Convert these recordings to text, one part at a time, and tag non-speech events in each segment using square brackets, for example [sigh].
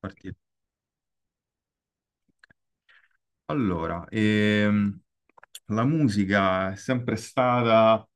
Partito. Allora, ehm, la musica è sempre stata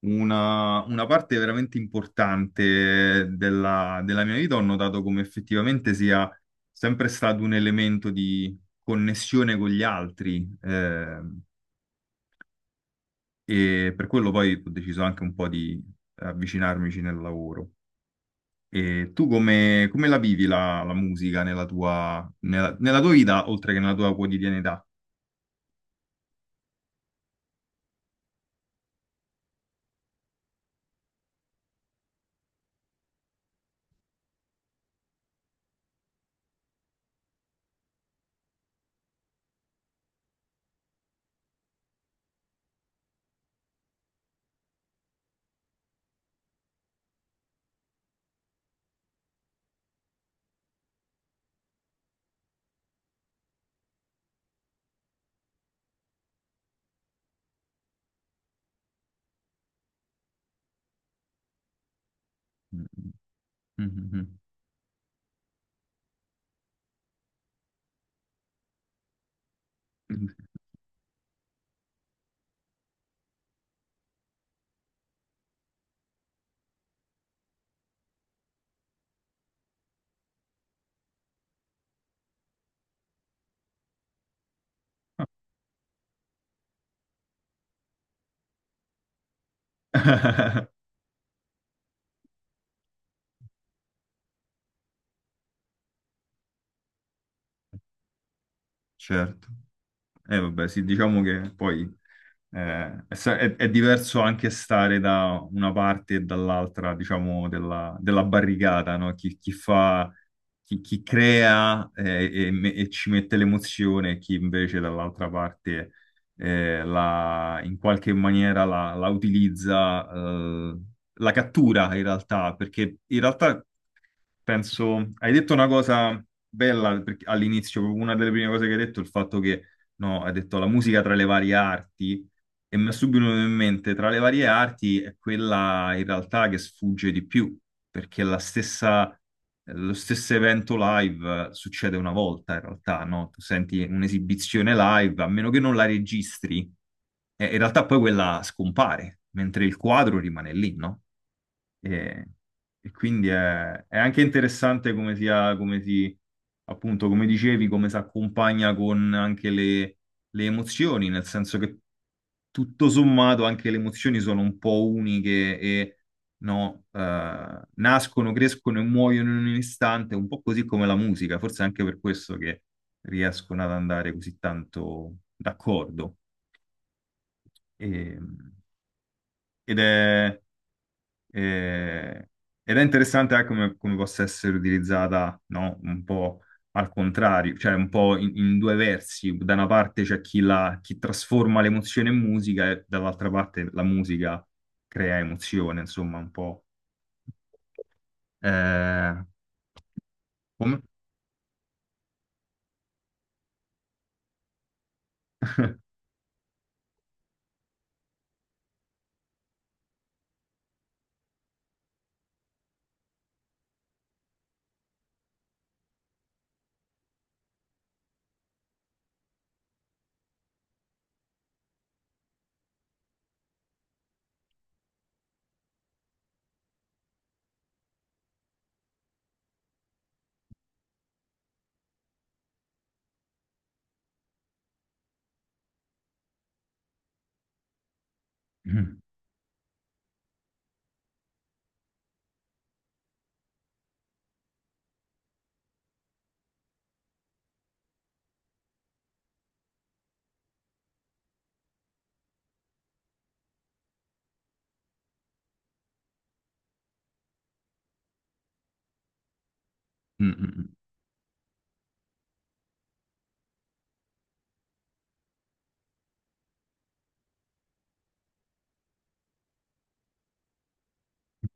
una parte veramente importante della mia vita. Ho notato come effettivamente sia sempre stato un elemento di connessione con gli altri, e per quello poi ho deciso anche un po' di avvicinarmici nel lavoro. E tu come la vivi la musica nella nella tua vita, oltre che nella tua quotidianità? Mm, mm, mm. Mm. Certo. Vabbè, sì, diciamo che poi è diverso anche stare da una parte e dall'altra, diciamo, della barricata, no? Chi fa, chi crea, e ci mette l'emozione, e chi invece dall'altra parte, in qualche maniera la utilizza, la cattura in realtà, perché in realtà, penso, hai detto una cosa bella all'inizio, proprio una delle prime cose che hai detto, il fatto che, no, hai detto la musica tra le varie arti, e mi è subito venuto in mente, tra le varie arti è quella in realtà che sfugge di più, perché lo stesso evento live succede una volta in realtà, no? Tu senti un'esibizione live, a meno che non la registri, e in realtà poi quella scompare, mentre il quadro rimane lì, no? E, e quindi è anche interessante come sia, appunto, come dicevi, come si accompagna con anche le emozioni, nel senso che tutto sommato anche le emozioni sono un po' uniche e no, nascono, crescono e muoiono in un istante, un po' così come la musica, forse anche per questo che riescono ad andare così tanto d'accordo. E- ed è. E- Ed è interessante anche come possa essere utilizzata, no? Un po' al contrario, cioè un po' in due versi. Da una parte c'è chi trasforma l'emozione in musica e dall'altra parte la musica crea emozione, insomma, un po'. Eh, come? [laughs] Mm, mm,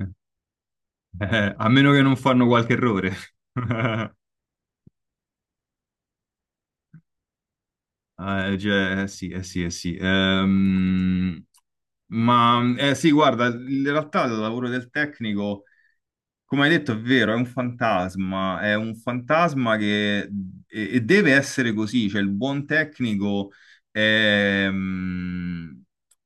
mm. A meno che non fanno qualche errore. [laughs] Cioè, eh sì, eh sì, eh sì. Ma eh sì, guarda, in realtà il lavoro del tecnico. Come hai detto, è vero, è un fantasma e deve essere così, cioè il buon tecnico è, mm,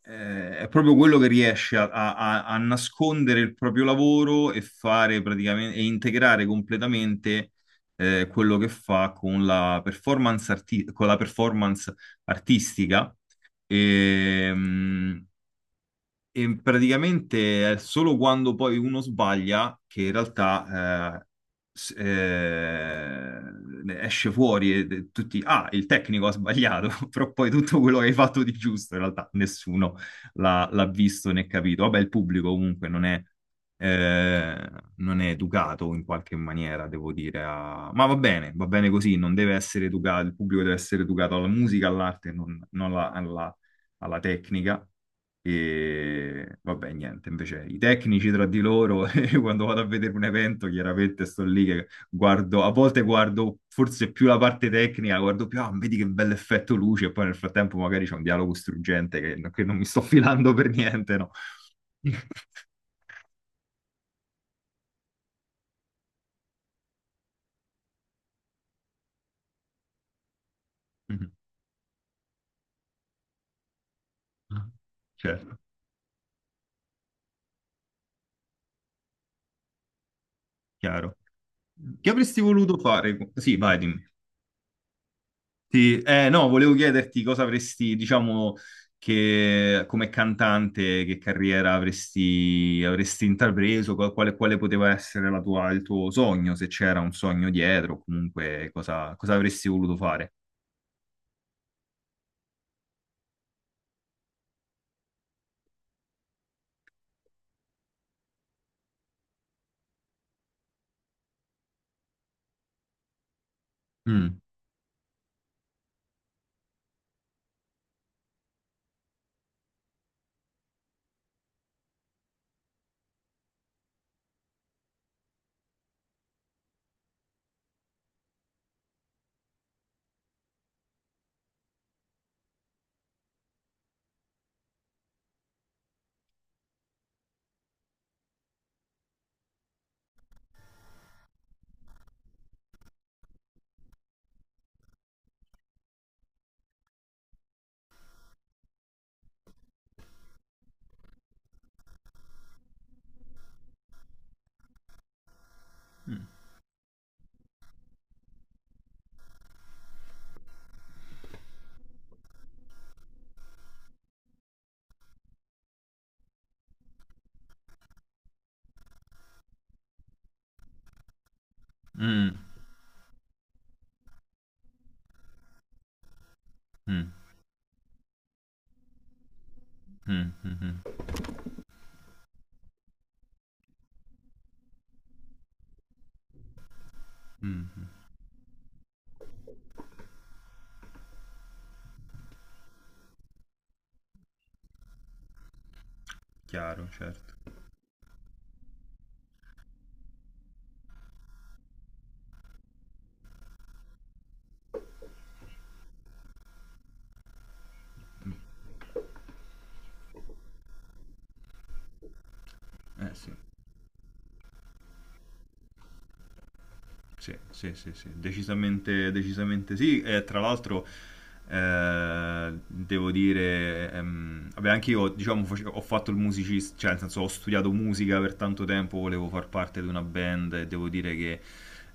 è proprio quello che riesce a nascondere il proprio lavoro e fare praticamente e integrare completamente, quello che fa con la con la performance artistica. Ehm, e praticamente è solo quando poi uno sbaglia che in realtà, s- eh, ne esce fuori e tutti, ah, il tecnico ha sbagliato, [laughs] però poi tutto quello che hai fatto di giusto in realtà nessuno l'ha visto né capito. Vabbè, il pubblico comunque non è, eh, non è educato in qualche maniera, devo dire, ma va bene così, non deve essere educato, il pubblico deve essere educato alla musica, all'arte, non alla tecnica. E vabbè, niente, invece i tecnici tra di loro, [laughs] e quando vado a vedere un evento, chiaramente sto lì che guardo, a volte guardo forse più la parte tecnica, guardo più, ah, vedi che bel effetto luce, e poi nel frattempo magari c'è un dialogo struggente che non mi sto [laughs] filando per niente, no? [laughs] Certo, chiaro. Che avresti voluto fare? Sì, vai, dimmi. Sì, no, volevo chiederti cosa avresti, diciamo, che come cantante, che carriera avresti, avresti intrapreso, quale poteva essere il tuo sogno, se c'era un sogno dietro, comunque cosa, cosa avresti voluto fare. Mm, mm, mm, mm, mm, mm, mm, mm, chiaro, certo. Eh sì. Sì, sì, sì, sì, decisamente, decisamente sì. E tra l'altro, devo dire, vabbè, anche io, diciamo, ho fatto il musicista, cioè, nel senso, ho studiato musica per tanto tempo, volevo far parte di una band e devo dire che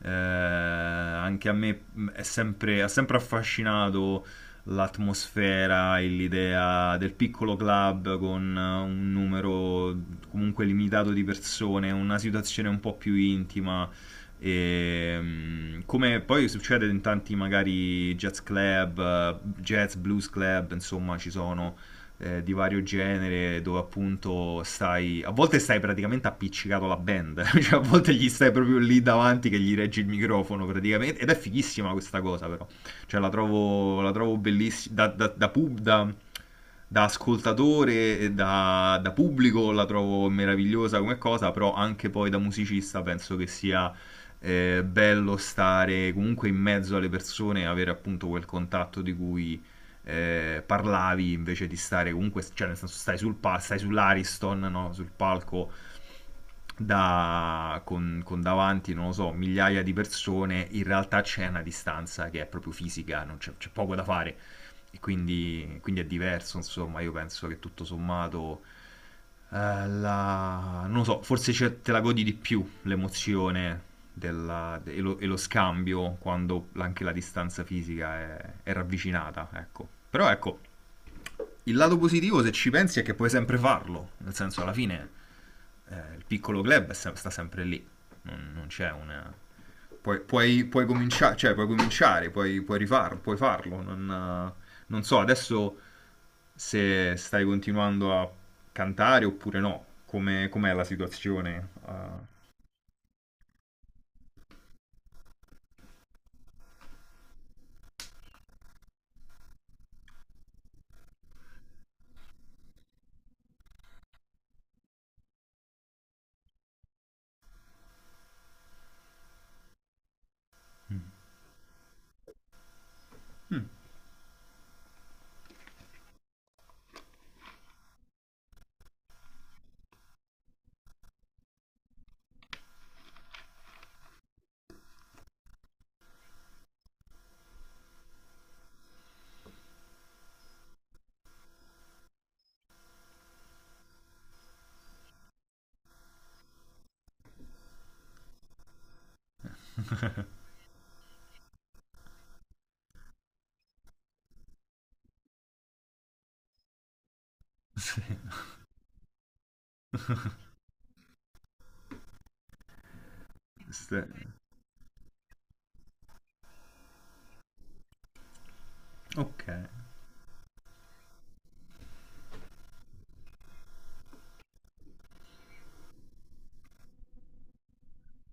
anche a me è sempre, ha sempre affascinato l'atmosfera e l'idea del piccolo club con un numero comunque limitato di persone, una situazione un po' più intima come poi succede in tanti magari jazz club, jazz blues club, insomma ci sono di vario genere dove appunto stai, a volte stai praticamente appiccicato alla band, [laughs] cioè a volte gli stai proprio lì davanti che gli reggi il microfono praticamente ed è fighissima questa cosa però, cioè la trovo bellissima, da pub, da, da ascoltatore e da pubblico la trovo meravigliosa come cosa, però anche poi da musicista penso che sia, bello stare comunque in mezzo alle persone, e avere appunto quel contatto di cui parlavi invece di stare comunque, cioè nel senso stai sull'Ariston, no? Sul palco con davanti, non lo so, migliaia di persone, in realtà c'è una distanza che è proprio fisica, non c'è, c'è poco da fare. Quindi è diverso, insomma, io penso che tutto sommato, eh, non lo so, forse te la godi di più l'emozione e lo scambio quando anche la distanza fisica è ravvicinata, ecco. Però ecco, il lato positivo, se ci pensi, è che puoi sempre farlo. Nel senso, alla fine, il piccolo club è sta sempre lì. Non, non c'è una. Puoi cominciare, cioè, puoi cominciare, puoi rifarlo, puoi farlo. Non, non so adesso se stai continuando a cantare oppure no. Come, com'è la situazione? Eh. Mm. [laughs] Ste- Ok.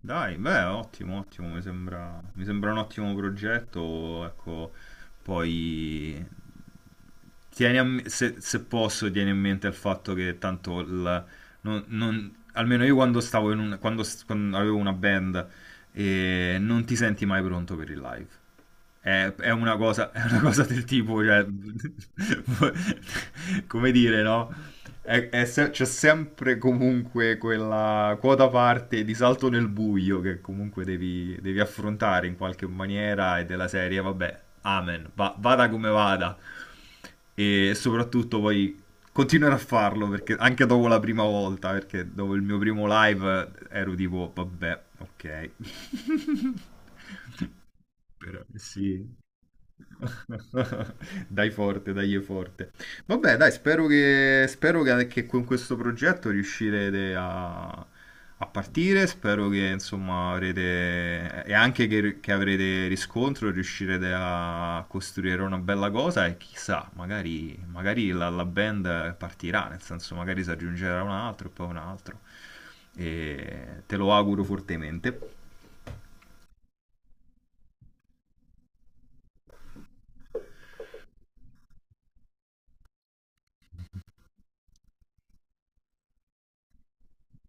Dai, beh, ottimo, ottimo, mi sembra un ottimo progetto, ecco, poi se, se posso, tieni in mente il fatto che tanto almeno io quando stavo in un, quando avevo una band, non ti senti mai pronto per il live. È una cosa, è una cosa del tipo, cioè, [laughs] come dire, no? È se- C'è sempre comunque quella quota parte di salto nel buio che comunque devi affrontare in qualche maniera e della serie, vabbè, amen, vada come vada. E soprattutto poi continuerò a farlo perché anche dopo la prima volta, perché dopo il mio primo live ero tipo, vabbè, ok. [laughs] Eh, sì. [laughs] Dai forte, dai forte. Vabbè, dai, che con questo progetto riuscirete a partire. Spero che insomma avrete e anche che avrete riscontro, riuscirete a costruire una bella cosa. E chissà, magari la band partirà, nel senso, magari si aggiungerà un altro e poi un altro. E te lo auguro fortemente.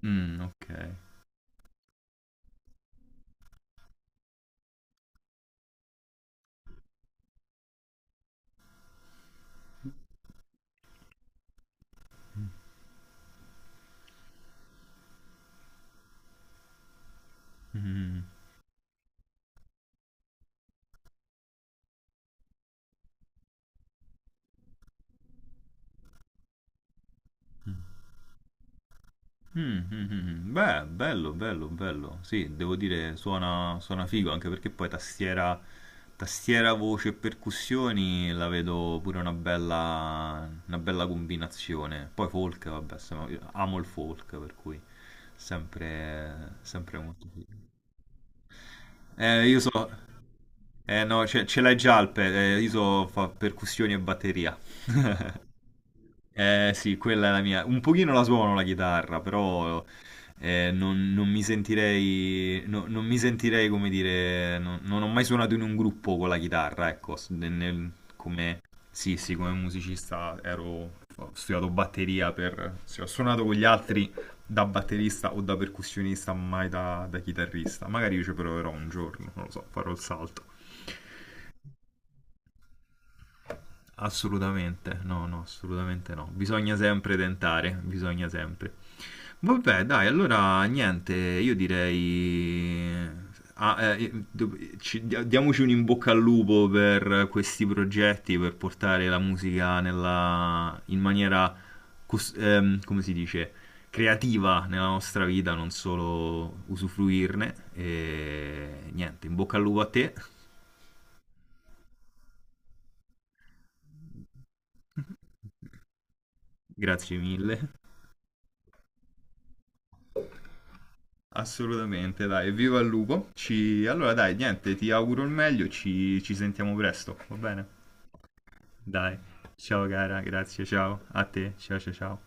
Mm, ok. Mm. Mm, mm, mm, mm. Beh, bello, bello, bello. Sì, devo dire, suona, suona figo, anche perché poi tastiera, voce e percussioni la vedo pure una bella combinazione. Poi folk, vabbè, io amo il folk, per cui sempre, sempre molto figo. Eh, io so, eh no, ce l'hai già io so fa percussioni e batteria. [laughs] Eh sì, quella è la mia. Un pochino la suono la chitarra, però non mi sentirei, non mi sentirei, come dire, non ho mai suonato in un gruppo con la chitarra, ecco, sì, sì, come musicista ero, ho studiato batteria per, sì, ho suonato con gli altri da batterista o da percussionista, mai da chitarrista. Magari io ci proverò un giorno, non lo so, farò il salto. Assolutamente, no, no, assolutamente no. Bisogna sempre tentare, bisogna sempre. Vabbè, dai, allora niente, io direi... Ah, diamoci un in bocca al lupo per questi progetti, per portare la musica in maniera, come si dice, creativa nella nostra vita, non solo usufruirne. E niente, in bocca al lupo a te. [laughs] Grazie mille. Assolutamente, dai, viva il lupo. Ci... Allora dai, niente, ti auguro il meglio, ci sentiamo presto, va bene? Dai, ciao cara, grazie, ciao a te, ciao ciao ciao.